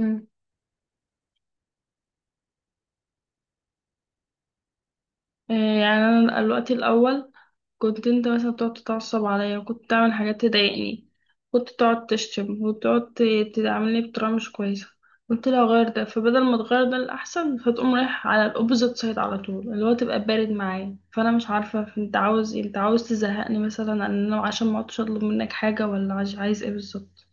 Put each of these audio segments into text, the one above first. مم. إيه يعني انا الوقت الاول كنت انت مثلا بتقعد تتعصب عليا، وكنت تعمل حاجات تضايقني. كنت تقعد تشتم وتقعد تعاملني بطريقه مش كويسه. قلت لها غير ده، فبدل ما تغير ده الاحسن، فتقوم رايح على الاوبوزيت سايد على طول، اللي هو تبقى بارد معايا. فانا مش عارفه انت عاوز إيه؟ انت عاوز تزهقني مثلا، ان انا عشان ما اقعدش اطلب منك حاجه؟ ولا عايز ايه بالظبط؟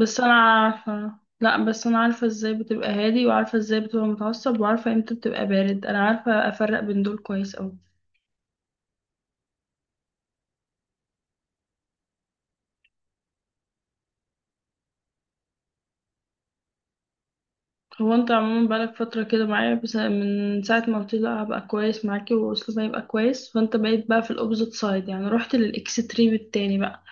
بس انا عارفة. لا بس انا عارفة ازاي بتبقى هادي، وعارفة ازاي بتبقى متعصب، وعارفة امتى بتبقى بارد. انا عارفة افرق بين دول كويس اوي. هو انت عموما بقالك فترة كده معايا، بس من ساعة ما قلت لي لا هبقى كويس معاكي واسلوبي هيبقى كويس، فانت بقيت في الاوبزيت سايد، يعني رحت للاكستريم التاني بقى.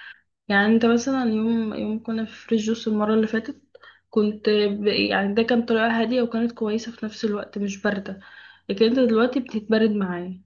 يعني انت مثلا يوم كنا في فريش جوس المرة اللي فاتت، يعني ده كان طريقة هادية وكانت كويسة في نفس الوقت، مش باردة. لكن انت دلوقتي بتتبرد معايا.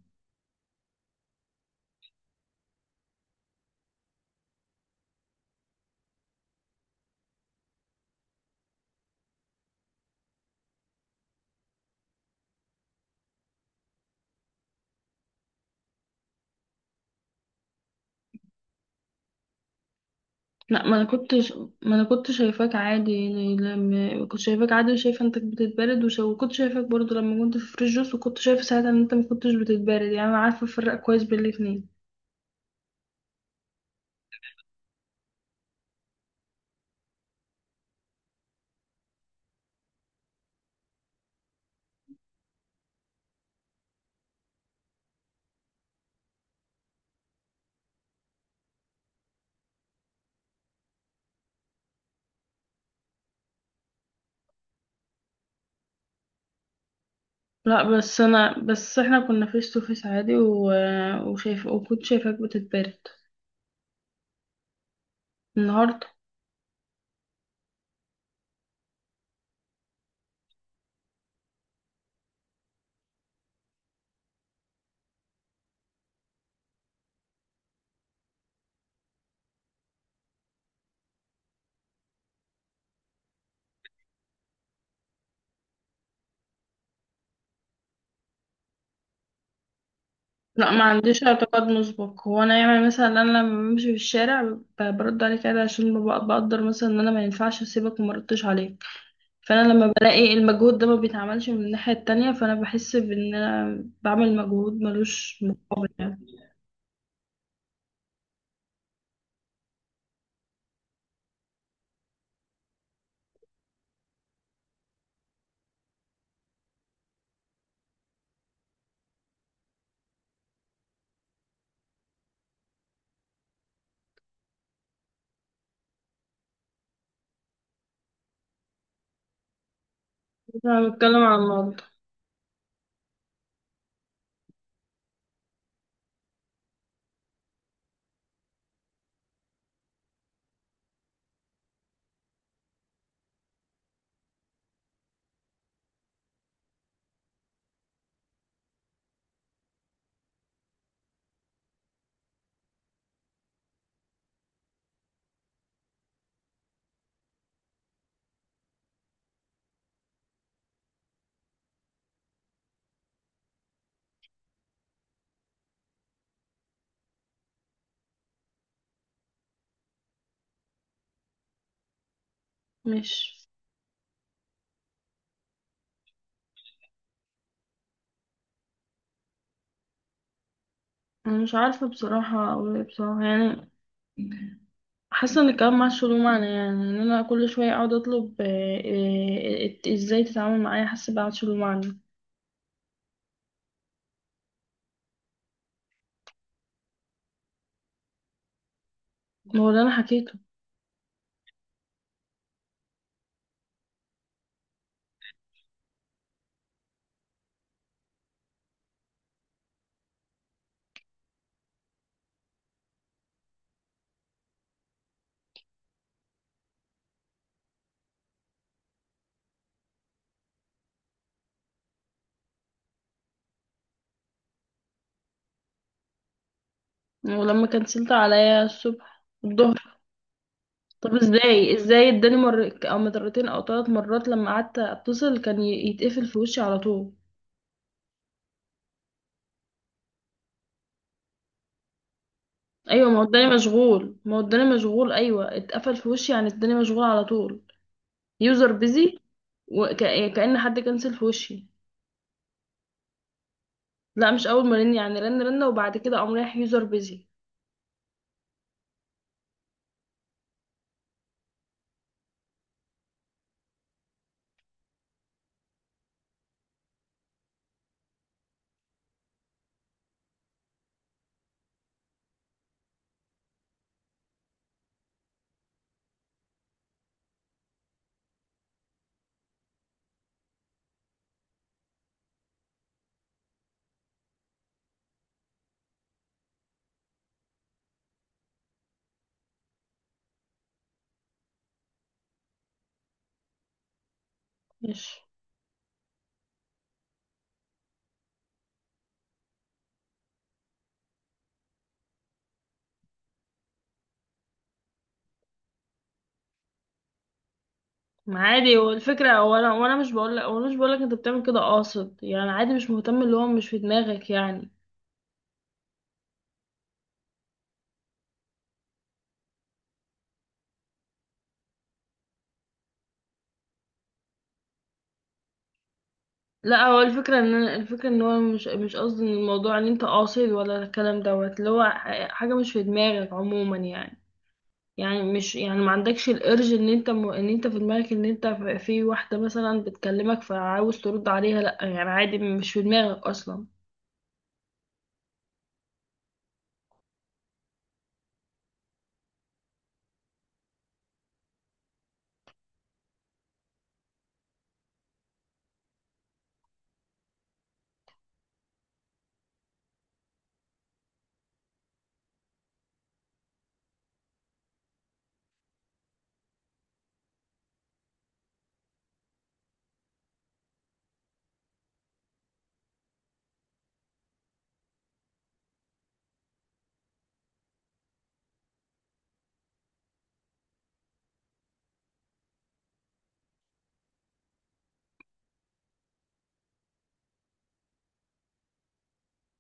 لا، ما انا كنت شايفاك عادي. يعني لما كنت شايفاك عادي وشايفه انك بتتبرد، وكنت شايفاك برضو لما كنت في فريش جوس، وكنت شايفه ساعتها ان انت ما كنتش بتتبرد. يعني انا عارفه افرق كويس بين الاتنين. لا، بس احنا كنا فيس تو فيس عادي وشايف، وكنت شايفاك بتتبرد النهارده. لا ما عنديش اعتقاد مسبق. هو انا يعني مثلا انا لما بمشي في الشارع برد عليك عادي، عشان بقدر مثلا ان انا ما ينفعش اسيبك وما ردتش عليك. فانا لما بلاقي المجهود ده ما بيتعملش من الناحية التانية، فانا بحس بان انا بعمل مجهود ملوش مقابل يعني. انا بتكلم عن الموضوع. مش أنا مش عارفة بصراحة اقول ايه بصراحة يعني. حاسة ان الكلام معاش له معنى، يعني ان انا كل شوية اقعد اطلب ازاي تتعامل معايا. حاسة معاش له معنى. ما هو اللي انا حكيته. ولما كنسلت عليا الصبح الظهر؟ طب ازاي، اداني مر او مرتين او ثلاث مرات لما قعدت اتصل كان يتقفل في وشي على طول. ايوه، ما هو الدنيا مشغول ايوه، اتقفل في وشي يعني الدنيا مشغول على طول. يوزر بيزي، وكأن حد كنسل في وشي. لا مش اول ما رن، يعني رن رن وبعد كده قام رايح يوزر بيزي. ماشي. ما عادي هو الفكره، وانا مش بقول لك انت بتعمل كده قاصد يعني. عادي مش مهتم، اللي هو مش في دماغك يعني. لا هو الفكره، الفكره ان هو مش قصدي، ان الموضوع ان انت قاصد، ولا الكلام دوت، اللي هو حاجه مش في دماغك عموما يعني. يعني مش يعني ما عندكش الارج ان انت، ان انت في دماغك ان انت في واحدة مثلا بتكلمك فعاوز ترد عليها. لا يعني عادي مش في دماغك اصلا.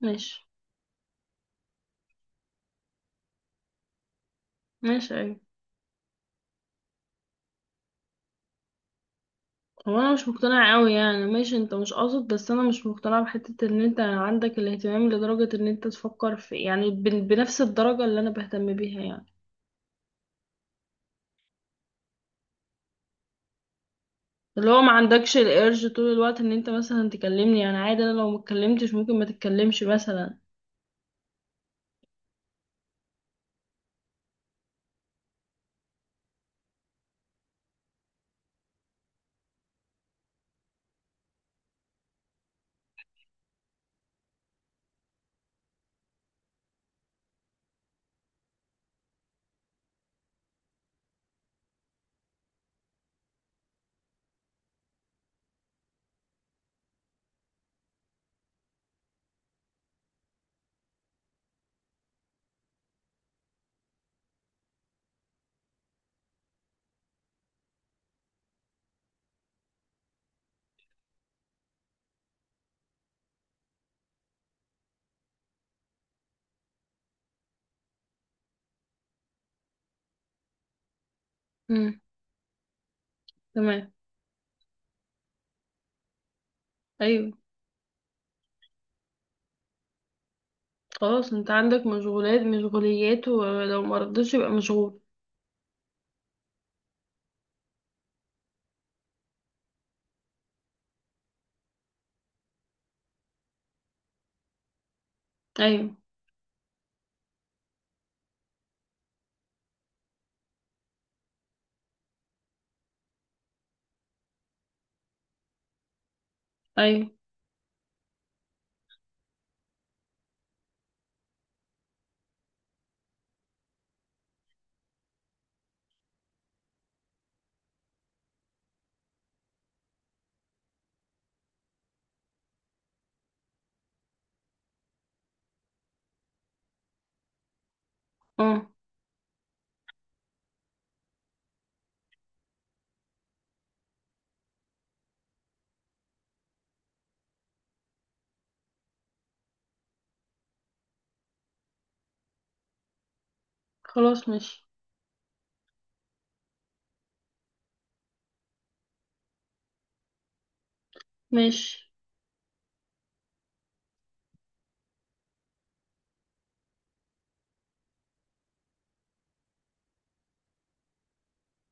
ماشي. ماشي ايوه. هو انا مش مقتنعة قوي، يعني ماشي انت مش قاصد، بس انا مش مقتنعة بحتة ان انت عندك الاهتمام لدرجة ان انت تفكر في، يعني بنفس الدرجة اللي انا بهتم بيها يعني. اللي هو ما عندكش الارج طول الوقت ان انت مثلا تكلمني. يعني عادي، انا لو ما اتكلمتش ممكن ما تتكلمش مثلا. امم. تمام ايوه. خلاص انت عندك مشغولات مشغوليات، ولو مرضتش يبقى مشغول. ايوه. ايوه اه خلاص. ماشي ماشي.